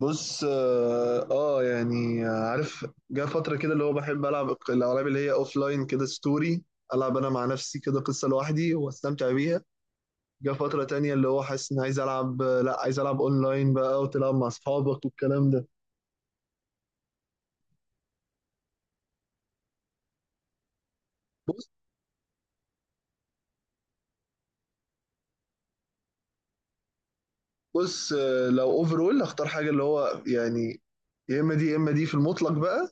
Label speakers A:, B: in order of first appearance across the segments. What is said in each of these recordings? A: بص، يعني، عارف. جه فترة كده اللي هو بحب ألعب الألعاب اللي هي أوف لاين كده، ستوري ألعب أنا مع نفسي كده قصة لوحدي وأستمتع بيها. جه فترة تانية اللي هو حاسس إن عايز ألعب، لأ، عايز ألعب أونلاين بقى وتلعب مع أصحابك والكلام ده. بص، بص، لو أوفرول أختار حاجة اللي هو، يعني، يا إما دي يا إما دي، في المطلق بقى،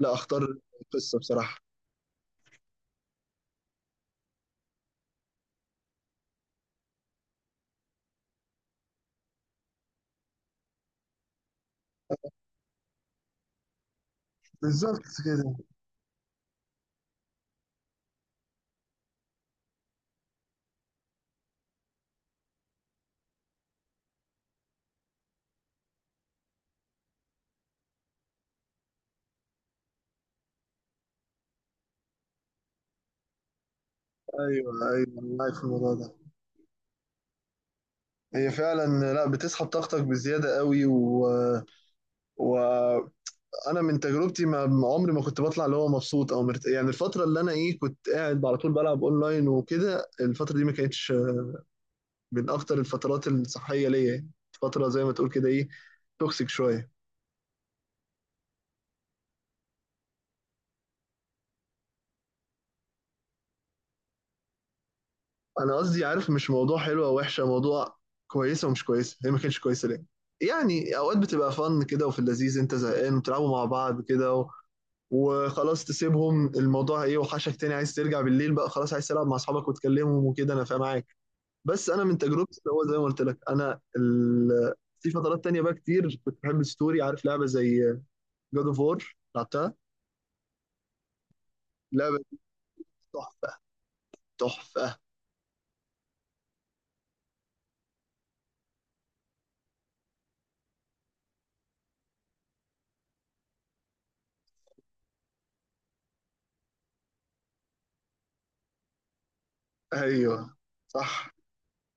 A: لأ أختار القصة بصراحة. بالظبط كده. ايوه، ايوه، انا معاك في الموضوع ده. هي فعلا، لا، بتسحب طاقتك بزياده قوي، و، وانا من تجربتي، ما عمري ما كنت بطلع اللي هو مبسوط او يعني الفتره اللي انا، ايه، كنت قاعد على طول بلعب اونلاين وكده، الفتره دي ما كانتش من اكتر الفترات الصحيه ليا، يعني. فتره، زي ما تقول كده، ايه، توكسيك شويه. انا قصدي، عارف، مش موضوع حلو او وحشه، موضوع كويسه ومش كويسه، هي ما كانتش كويسه ليه. يعني اوقات بتبقى فن كده، وفي اللذيذ انت زهقان وتلعبوا مع بعض كده، و، وخلاص تسيبهم، الموضوع ايه، وحشك تاني عايز ترجع بالليل بقى، خلاص عايز تلعب مع اصحابك وتكلمهم وكده. انا فاهم معاك، بس انا من تجربتي اللي هو زي ما قلت لك، انا ال، في فترات تانية بقى كتير كنت بحب الستوري. عارف لعبة زي جاد اوف وور؟ لعبتها. لعبة تحفة، تحفة. ايوه، صح.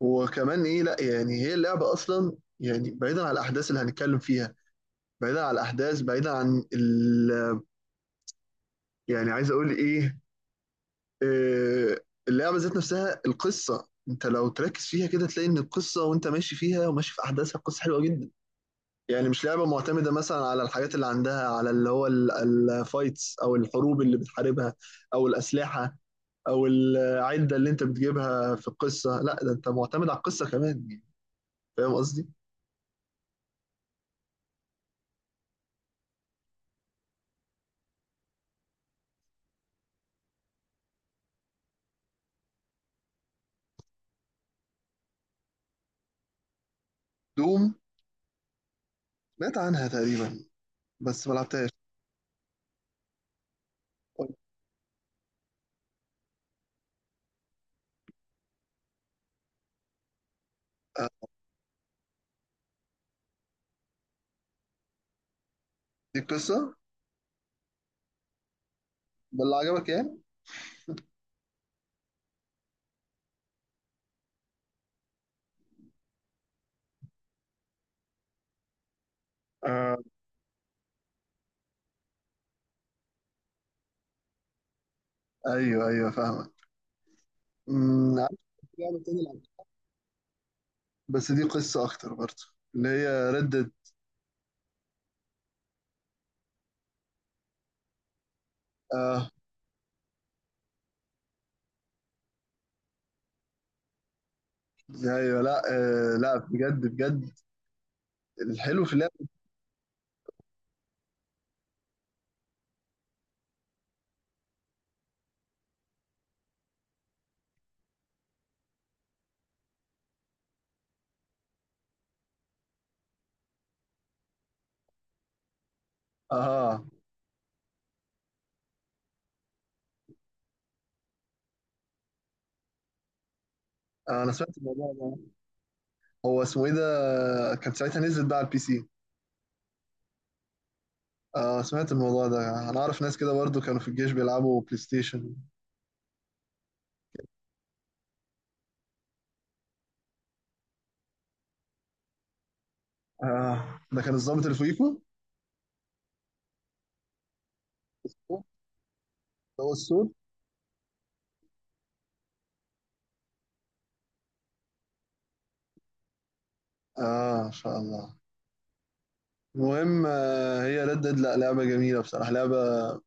A: وكمان، ايه، لا يعني هي اللعبة اصلا، يعني بعيدا عن الاحداث اللي هنتكلم فيها، بعيدا عن الاحداث، بعيدا عن ال، يعني عايز اقول ايه، آه، اللعبة ذات نفسها، القصة انت لو تركز فيها كده تلاقي ان القصة، وانت ماشي فيها وماشي في احداثها، القصة حلوة جدا. يعني مش لعبة معتمدة مثلا على الحاجات اللي عندها، على اللي هو الفايتس، أو الحروب اللي بتحاربها، أو الأسلحة، أو العدة اللي أنت بتجيبها في القصة. لا، ده أنت معتمد على القصة كمان، يعني. فاهم قصدي؟ دوم؟ سمعت عنها تقريبا، بس ما لعبتهاش. طيب. آه. دي القصة؟ ده اللي عجبك يعني؟ آه. أيوه، أيوه، فاهمك. عارف، لعبة تانية لعبتها، بس دي قصة أكتر برضه، اللي هي ردد. آه، أيوه، لا. آه، لا، بجد، بجد، الحلو في اللعبة. اه، انا سمعت الموضوع ده. هو اسمه ايه ده، كان ساعتها نزلت بقى على البي سي؟ آه، سمعت الموضوع ده. انا اعرف ناس كده برضو كانوا في الجيش بيلعبوا بلاي ستيشن. آه، ده كان الضابط اللي فوقيكوا؟ الصوت؟ ده هو السود. اه، ان شاء الله. المهم، هي ردد، لا، لعبة جميلة بصراحة، لعبة،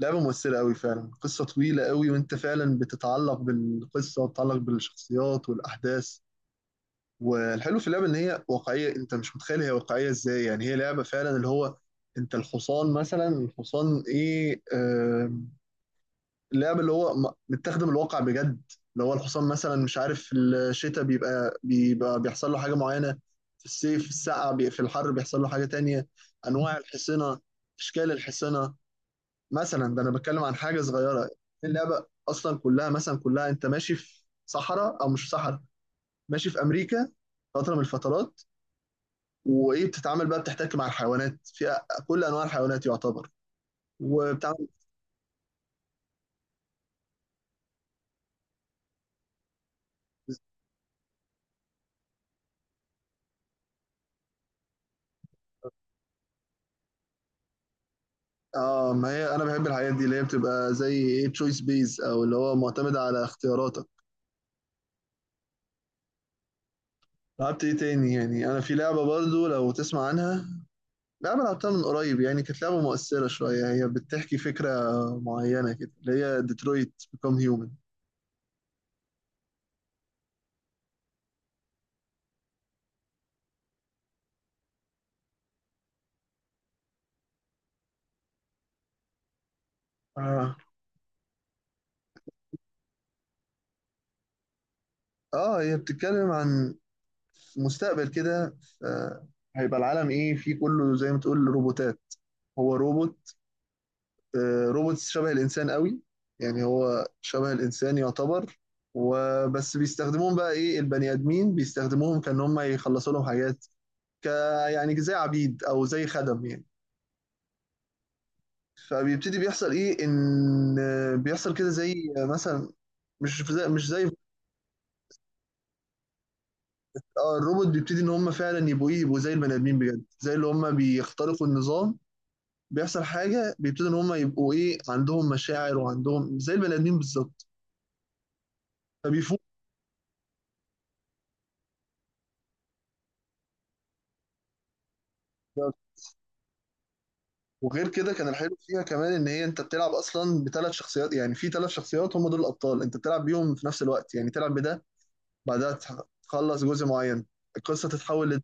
A: لعبة مؤثرة قوي فعلا، قصة طويلة قوي، وانت فعلا بتتعلق بالقصة وبتتعلق بالشخصيات والأحداث. والحلو في اللعبه ان هي واقعيه، انت مش متخيل هي واقعيه ازاي، يعني هي لعبه فعلا، اللي هو انت الحصان مثلا، الحصان ايه، اللعبه، اللي هو متاخده من الواقع بجد، اللي هو الحصان مثلا، مش عارف، في الشتاء بيبقى بيحصل له حاجه معينه، في الصيف، في الحر بيحصل له حاجه تانية. انواع الحصنه، اشكال الحصنه. مثلا ده انا بتكلم عن حاجه صغيره. اللعبه اصلا كلها، مثلا كلها انت ماشي في صحراء او مش في صحراء، ماشي في امريكا، فتره من الفترات، وايه، بتتعامل بقى بتحتك مع الحيوانات، في كل انواع الحيوانات يعتبر، وبتعمل. اه، ما هي انا بحب الحاجات دي اللي هي بتبقى زي، ايه، تشويس بيز، او اللي هو معتمد على اختياراتك. لعبت ايه تاني يعني؟ انا في لعبه برضو لو تسمع عنها، لعبه لعبتها من قريب، يعني كانت لعبه مؤثره شويه، هي بتحكي فكره معينه كده، اللي هي ديترويت بيكوم هيومن. اه، اه، هي بتتكلم عن مستقبل كده. آه، هيبقى العالم، ايه، فيه كله زي ما تقول روبوتات، هو روبوت، روبوتس شبه الإنسان قوي، يعني هو شبه الإنسان يعتبر. وبس بيستخدموهم بقى، إيه، البني آدمين بيستخدموهم كأن هم يخلصوا لهم حاجات، ك، يعني زي عبيد أو زي خدم، يعني. فبيبتدي بيحصل، إيه، إن بيحصل كده زي، مثلا، مش زي الروبوت بيبتدي إن هم فعلا يبقوا، إيه، يبقوا زي البني آدمين بجد، زي اللي هم بيخترقوا النظام. بيحصل حاجة، بيبتدوا إن هم يبقوا، إيه، عندهم مشاعر وعندهم زي البني آدمين بالظبط، فبيفوق. وغير كده كان الحلو فيها كمان ان هي انت بتلعب اصلا بثلاث شخصيات، يعني في ثلاث شخصيات هم دول الابطال، انت بتلعب بيهم في نفس الوقت، يعني تلعب بده، بعدها تخلص جزء معين، القصه تتحول لد.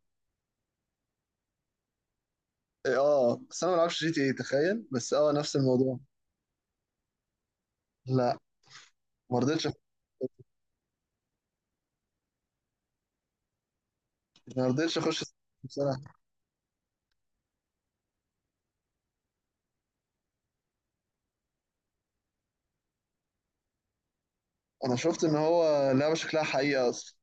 A: اه، بس انا ما بلعبش جي تي اي، تخيل. بس اه، نفس الموضوع. لا، ما رضيتش. ما رضيتش اخش بصراحه. انا شفت ان هو لعبه شكلها حقيقه اصلا.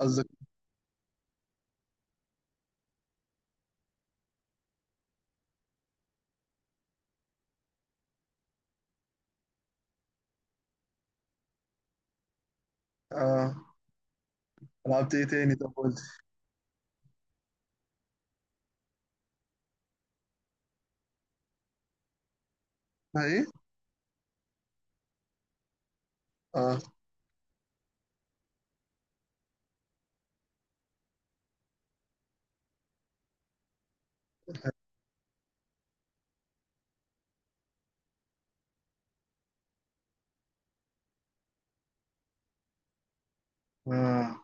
A: قصدك؟ اه. لعبت ايه تاني؟ طب قلت. ايه؟ اه، اه،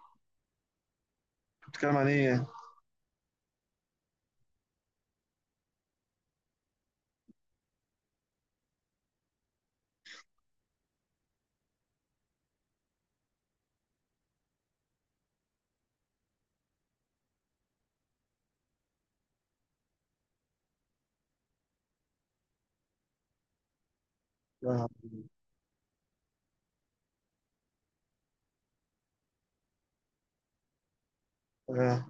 A: بتتكلم عن ايه يعني؟ اه، اه،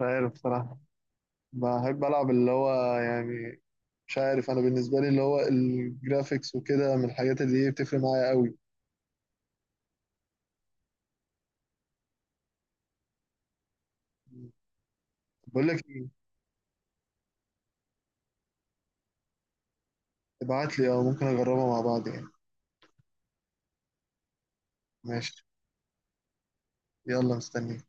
A: مش عارف بصراحه. بحب ألعب اللي هو، يعني، مش عارف، أنا بالنسبة لي اللي هو الجرافيكس وكده من الحاجات اللي هي بتفرق معايا قوي. بقول لك إيه، ابعت لي، أو ممكن أجربها مع بعض يعني. ماشي. يلا، مستني.